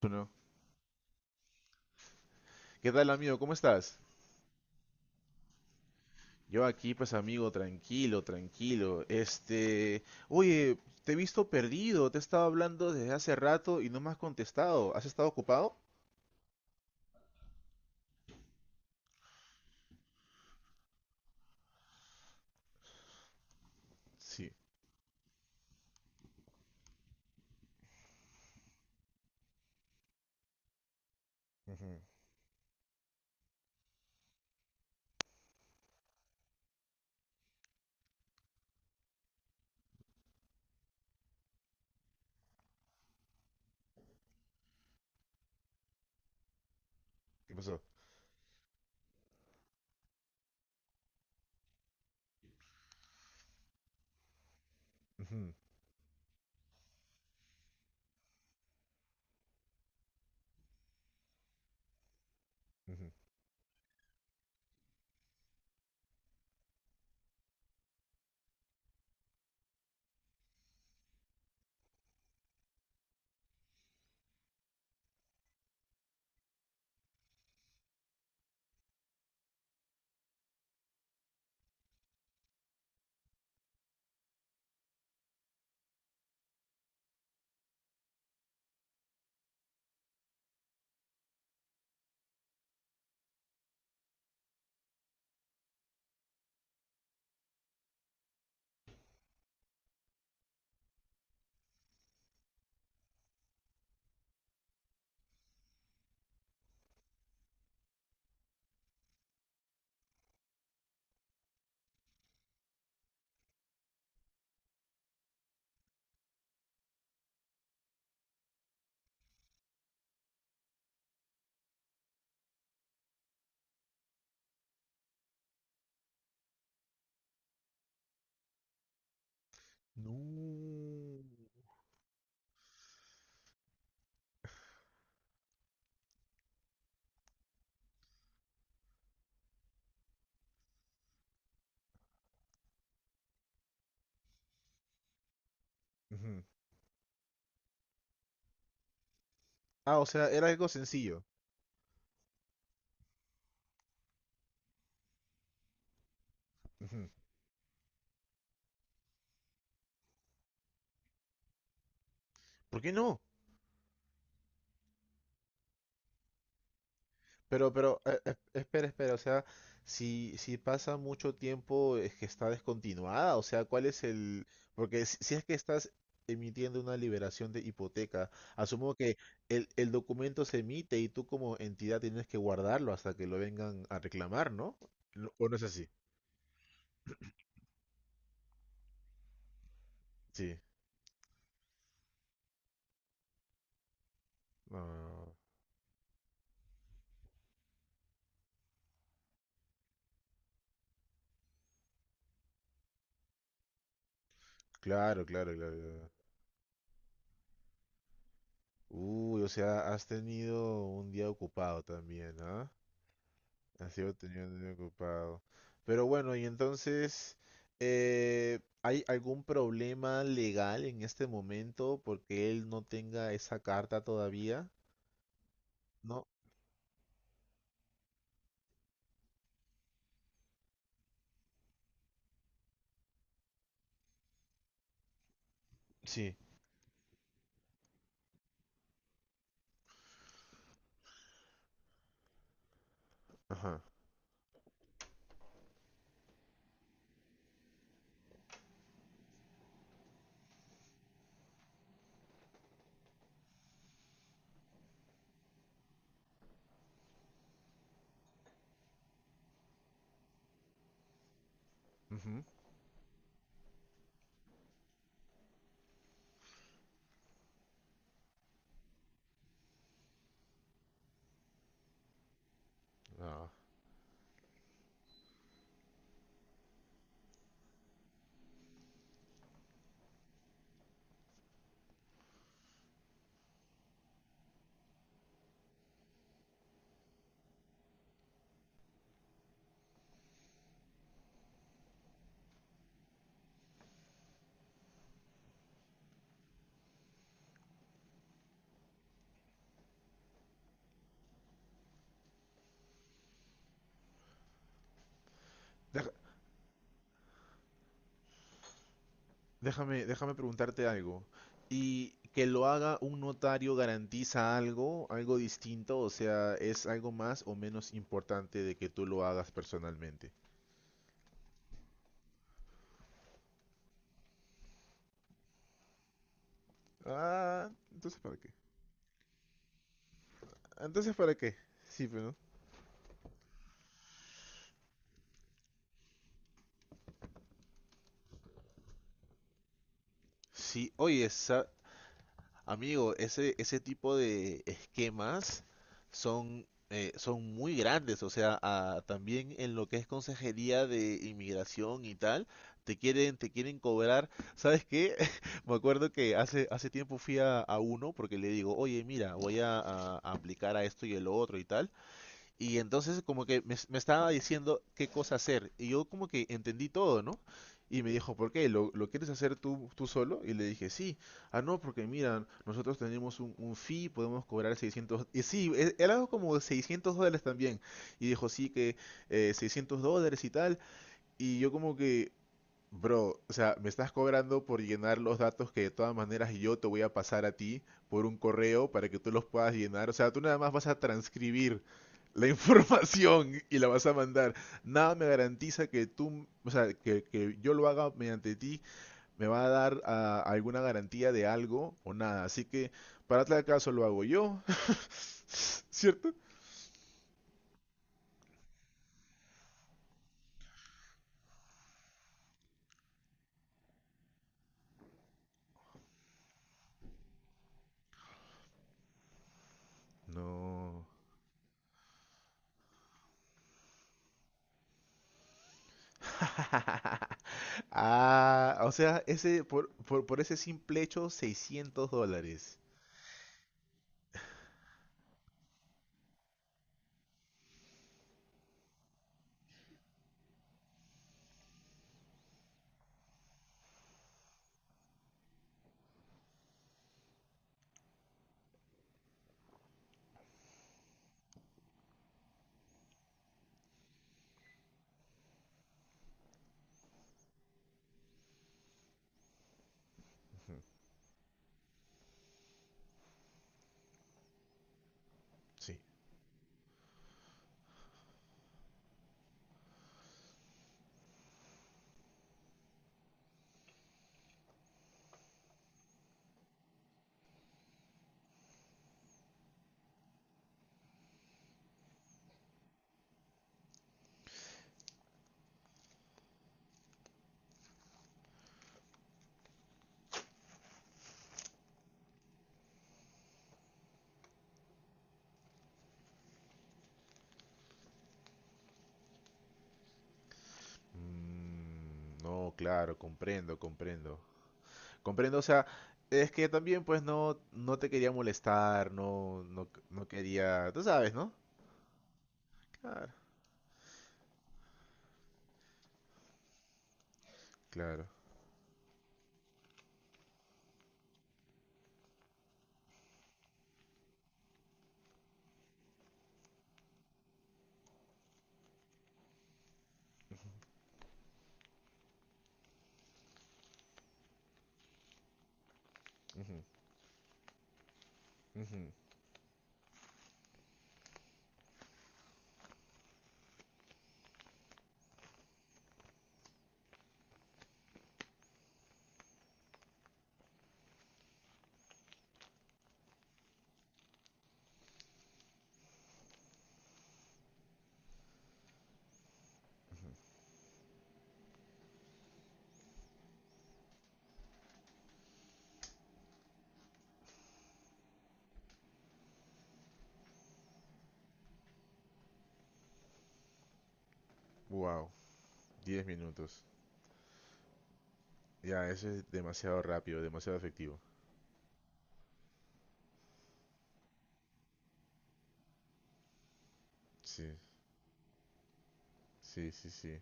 Bueno, ¿Qué tal amigo? ¿Cómo estás? Yo aquí, pues amigo, tranquilo, tranquilo. Oye, te he visto perdido, te he estado hablando desde hace rato y no me has contestado. ¿Has estado ocupado? Sí, ¿qué pasó? Ujú, ujú. No. Ujú. Ah, o sea, era algo sencillo. Ujú. ¿Por qué no? Pero, espera, o sea, si pasa mucho tiempo es que está descontinuada, o sea, ¿cuál es el...? Porque si es que estás emitiendo una liberación de hipoteca, asumo que el documento se emite y tú como entidad tienes que guardarlo hasta que lo vengan a reclamar, ¿no? ¿O no es así? Sí. Ah, claro, claro, claro. Uy, o sea, has tenido un día ocupado también. Así lo tenía muy ocupado. Pero bueno, y entonces, ¿hay algún problema legal en este momento porque él no tenga esa carta todavía? No, sí, ajá. Ujú. Ah. Déjame preguntarte algo. ¿Y que lo haga un notario garantiza algo, algo distinto? O sea, ¿es algo más o menos importante de que tú lo hagas personalmente? Ah, entonces ¿para qué? Entonces ¿para qué? Sí, pero sí, oye, amigo, ese tipo de esquemas son, son muy grandes, o sea, también en lo que es consejería de inmigración y tal, te quieren cobrar, ¿sabes qué? Me acuerdo que hace tiempo fui a uno porque le digo, oye, mira, voy a aplicar a esto y el otro y tal, y entonces como que me estaba diciendo qué cosa hacer. Y yo como que entendí todo, ¿no? Y me dijo, ¿por qué? ¿Lo quieres hacer tú, tú solo? Y le dije, sí. Ah, no, porque mira, nosotros tenemos un fee, podemos cobrar 600... Y sí, era algo como $600 también. Y dijo, sí, que $600 y tal. Y yo como que, bro, o sea, me estás cobrando por llenar los datos que de todas maneras yo te voy a pasar a ti por un correo para que tú los puedas llenar. O sea, tú nada más vas a transcribir la información y la vas a mandar. Nada me garantiza que tú, o sea, que yo lo haga mediante ti, me va a dar alguna garantía de algo o nada. Así que, para tal caso, lo hago yo. ¿Cierto? No. Ah, o sea, ese por ese simple hecho, $600. Sí. Mm, no, claro, comprendo, comprendo. Comprendo, o sea, es que también pues no, no te quería molestar, no, no, no quería, tú sabes, ¿no? Claro. Claro. Wow, 10 minutos. Ya, eso es demasiado rápido, demasiado efectivo. Sí, sí, sí, sí.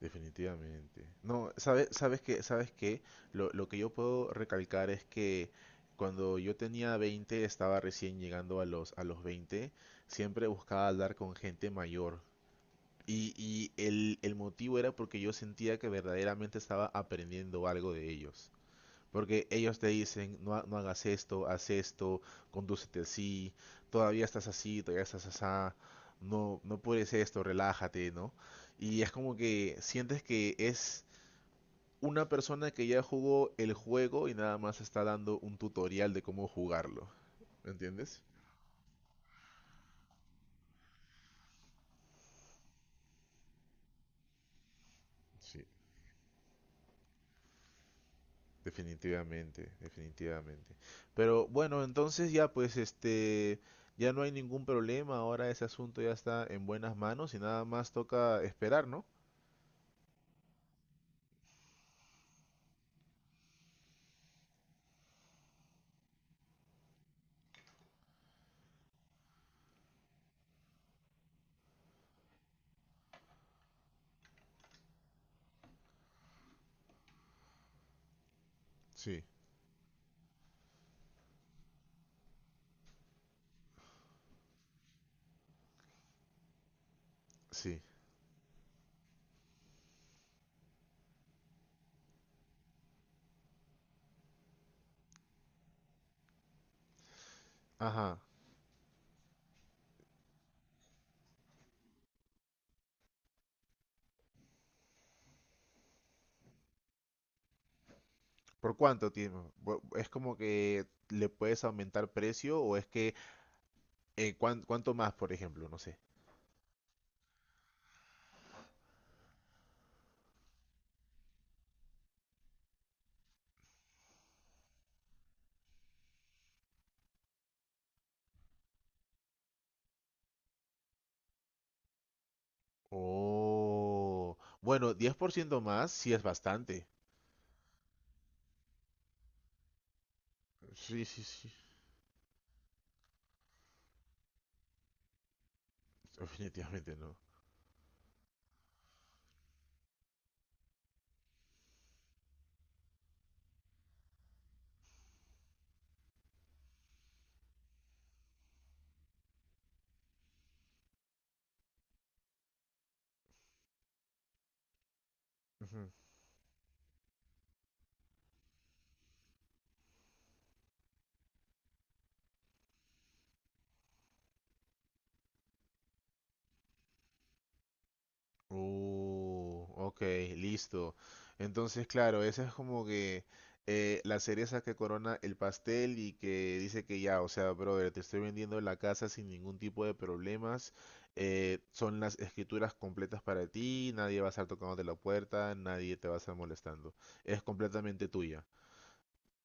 Definitivamente. No, sabes, sabes que lo que yo puedo recalcar es que cuando yo tenía 20, estaba recién llegando a los 20, siempre buscaba hablar con gente mayor. Y el motivo era porque yo sentía que verdaderamente estaba aprendiendo algo de ellos. Porque ellos te dicen, no, no hagas esto, haz esto, condúcete así, todavía estás asá, no, no puedes esto, relájate, ¿no? Y es como que sientes que es una persona que ya jugó el juego y nada más está dando un tutorial de cómo jugarlo. ¿Me entiendes? Sí, definitivamente, definitivamente. Pero bueno, entonces ya pues ya no hay ningún problema, ahora ese asunto ya está en buenas manos y nada más toca esperar, ¿no? Sí, sí. Ajá. ¿Por cuánto tiempo? ¿Es como que le puedes aumentar precio o es que cuánto más, por ejemplo? No sé. Oh, bueno, 10% más sí es bastante. Sí, sí, sí. Definitivamente no. Ok, listo. Entonces, claro, esa es como que la cereza que corona el pastel y que dice que ya, o sea, brother, te estoy vendiendo la casa sin ningún tipo de problemas. Son las escrituras completas para ti, nadie va a estar tocándote la puerta, nadie te va a estar molestando. Es completamente tuya.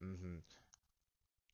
Ujú.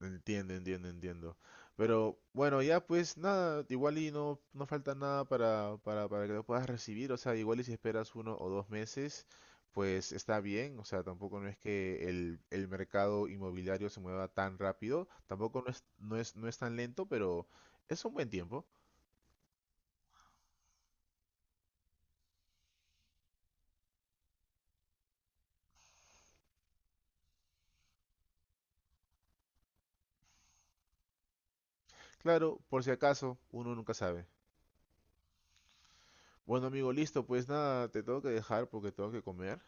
Entiendo, entiendo, entiendo. Pero bueno, ya pues nada, igual y no, no falta nada para que lo puedas recibir. O sea, igual y si esperas uno o dos meses, pues está bien. O sea, tampoco no es que el mercado inmobiliario se mueva tan rápido. Tampoco no es, no es, no es tan lento, pero es un buen tiempo. Claro, por si acaso, uno nunca sabe. Bueno, amigo, listo, pues nada, te tengo que dejar porque tengo que comer.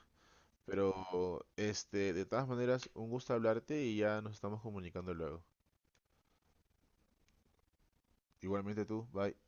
Pero de todas maneras, un gusto hablarte y ya nos estamos comunicando luego. Igualmente tú, bye.